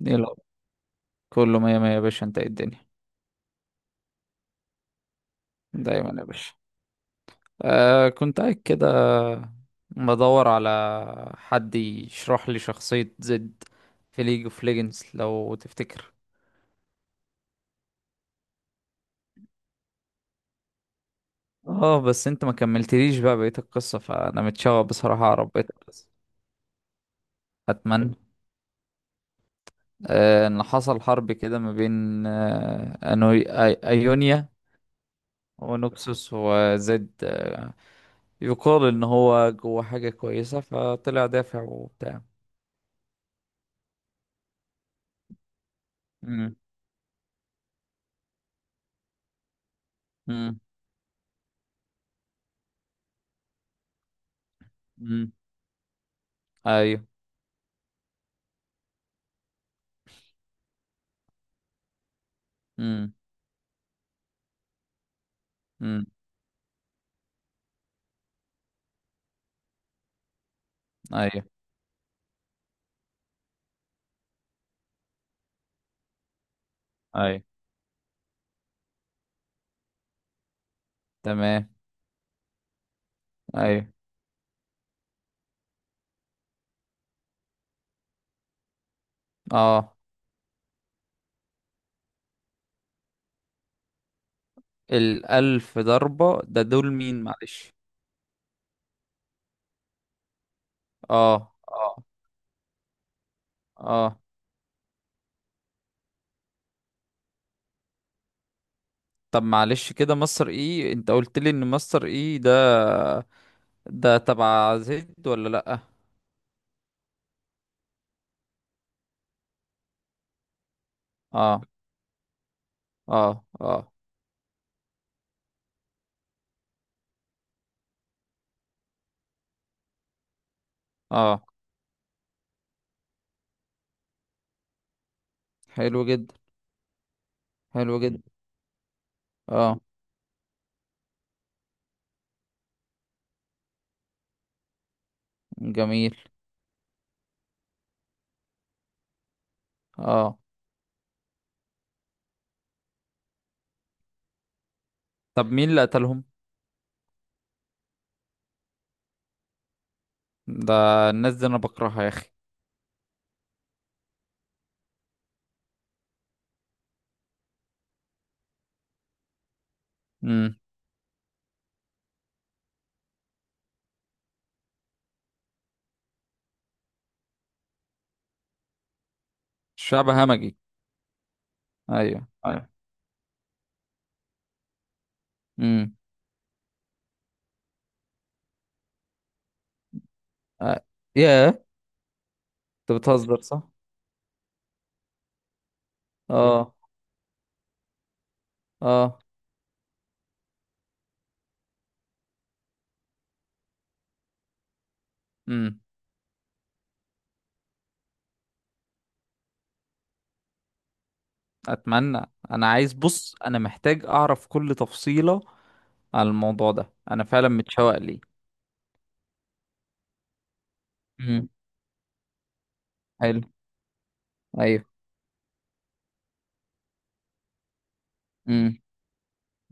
يلا. كله مية مية يا باشا. انت ايه الدنيا دايما يا باشا. كنت قاعد كده بدور على حد يشرح لي شخصية زد في ليج اوف ليجندز لو تفتكر. اه، بس انت ما كملتليش بقى بقية القصة، فانا متشوق بصراحة اعرف بقية القصة. اتمنى. ان حصل حرب كده ما بين ايونيا ونوكسوس وزد يقال ان هو جوه حاجة كويسة فطلع دافع وبتاع. مم. امم. ايوه. امم. امم. ايوه. ايوه. تمام. ايوه. اه. الألف ضربة ده دول مين معلش؟ اه. اه. اه. طب معلش كده، مصر ايه؟ انت قلت لي ان مصر ايه ده تبع زد ولا لأ؟ اه. اه. اه. اه. حلو جدا. حلو جدا. اه. جميل. اه. طب مين اللي قتلهم؟ ده الناس دي انا بكرهها يا اخي. امم. شعب همجي. ايوه. ايوه. امم. آه. ياه. انت بتهزر صح؟ اه. اه. امم. اتمنى. انا عايز بص، انا محتاج اعرف كل تفصيلة على الموضوع ده، انا فعلا متشوق ليه. امم. حلو. ايوه. امم.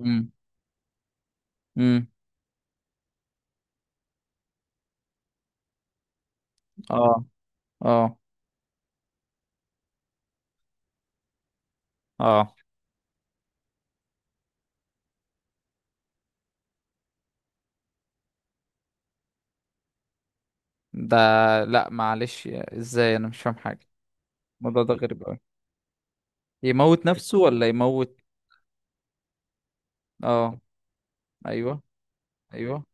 امم. امم. اه. اه. اه. ده لا معلش، ازاي؟ انا مش فاهم حاجة. الموضوع ده غريب قوي. يموت نفسه ولا يموت؟ اه. ايوه. ايوه.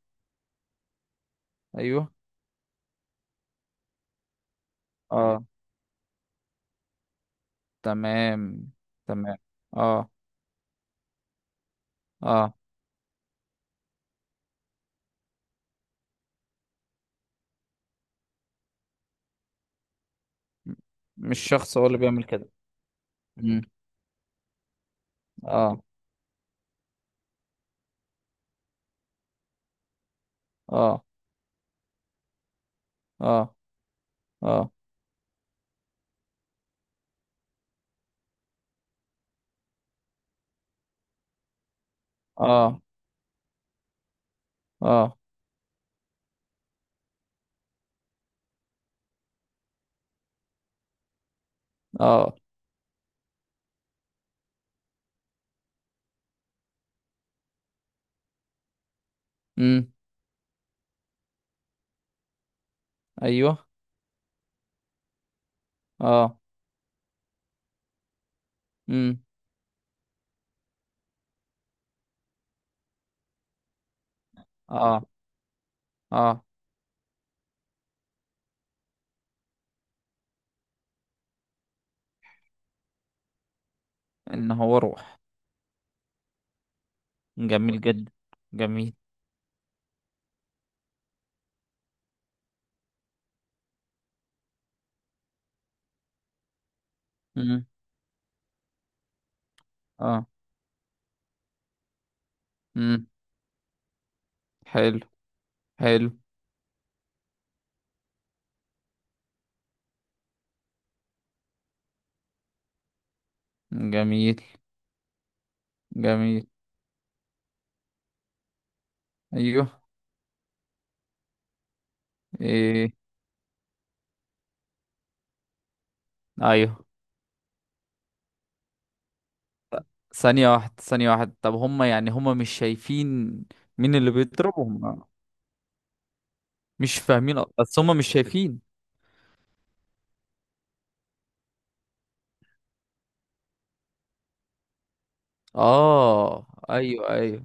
ايوه. اه. تمام. تمام. اه. اه. مش شخص هو اللي بيعمل كده؟ مم. اه. اه. اه. اه. اه. اه. اه. امم. ايوه. اه. امم. اه. اه. ان هو روح. جميل جدا. جميل. امم. اه. امم. حلو. حلو. جميل. جميل. ايوه. ايه. ايوه. ثانية واحدة ثانية واحدة، طب هم، يعني، هم مش شايفين مين اللي بيضربهم؟ مش فاهمين أصلاً، بس هم مش شايفين. اه. ايوه. ايوه.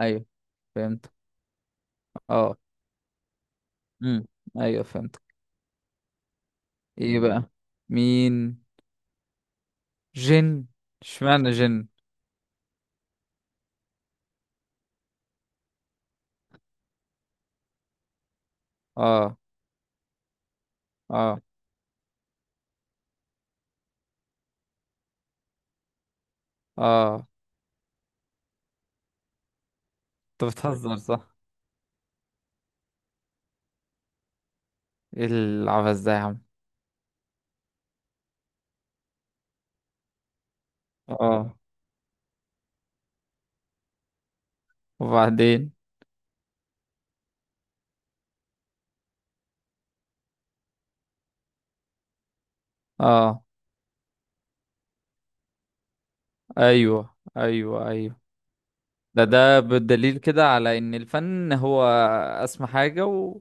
ايوه. فهمت. اه. امم. ايوه، فهمت. ايه بقى؟ مين؟ جن. اشمعنى جن؟ اه. اه. اه. انت بتهزر صح؟ ايه العبث ده يا عم؟ اه. وبعدين. اه. ايوه. ايوه. ايوه. ده بالدليل كده على ان الفن هو اسمى حاجة.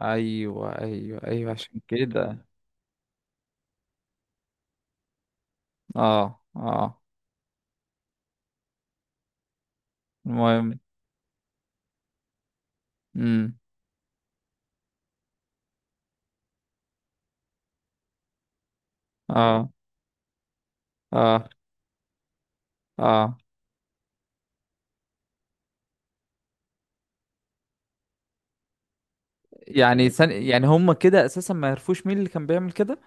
ايوه. ايوه. ايوه. عشان كده. اه. اه. المهم. امم. اه. اه. اه. يعني هم كده اساسا ما يعرفوش مين اللي كان بيعمل كده.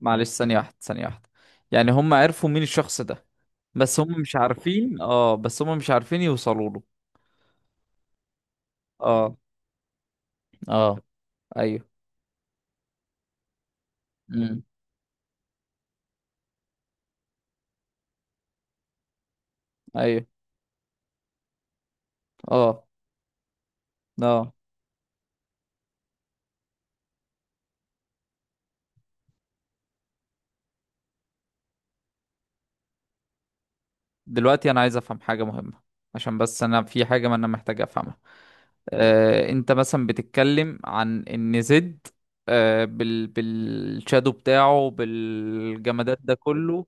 معلش، ثانية واحدة ثانية واحدة. يعني هم عرفوا مين الشخص ده؟ بس هم مش عارفين يوصلوا له. اه. اه. ايوه. امم. ايوه. اه. اه. دلوقتي انا عايز افهم حاجة مهمة، عشان بس انا في حاجة، ما انا محتاج افهمها. انت مثلا بتتكلم عن ان زد بالشادو بتاعه، بالجمادات ده كله.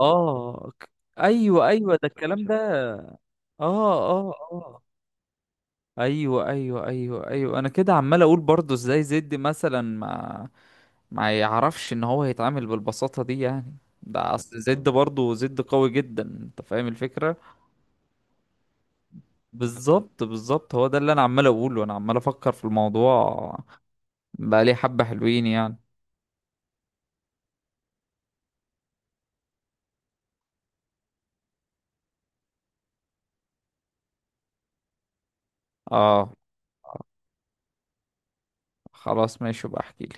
اه. ايوه، ايوه، ده الكلام ده. اه. اه. اه. ايوه. ايوه. ايوه. ايوه، انا كده عمال اقول برضه، ازاي زد مثلا ما يعرفش ان هو يتعامل بالبساطة دي يعني؟ ده اصل زد، برضه زد قوي جدا، انت فاهم الفكرة. بالظبط بالظبط، هو ده اللي انا عمال اقوله، انا عمال افكر في الموضوع. بقى لي حبة حلوين يعني. اه، خلاص ماشي، بقى احكي.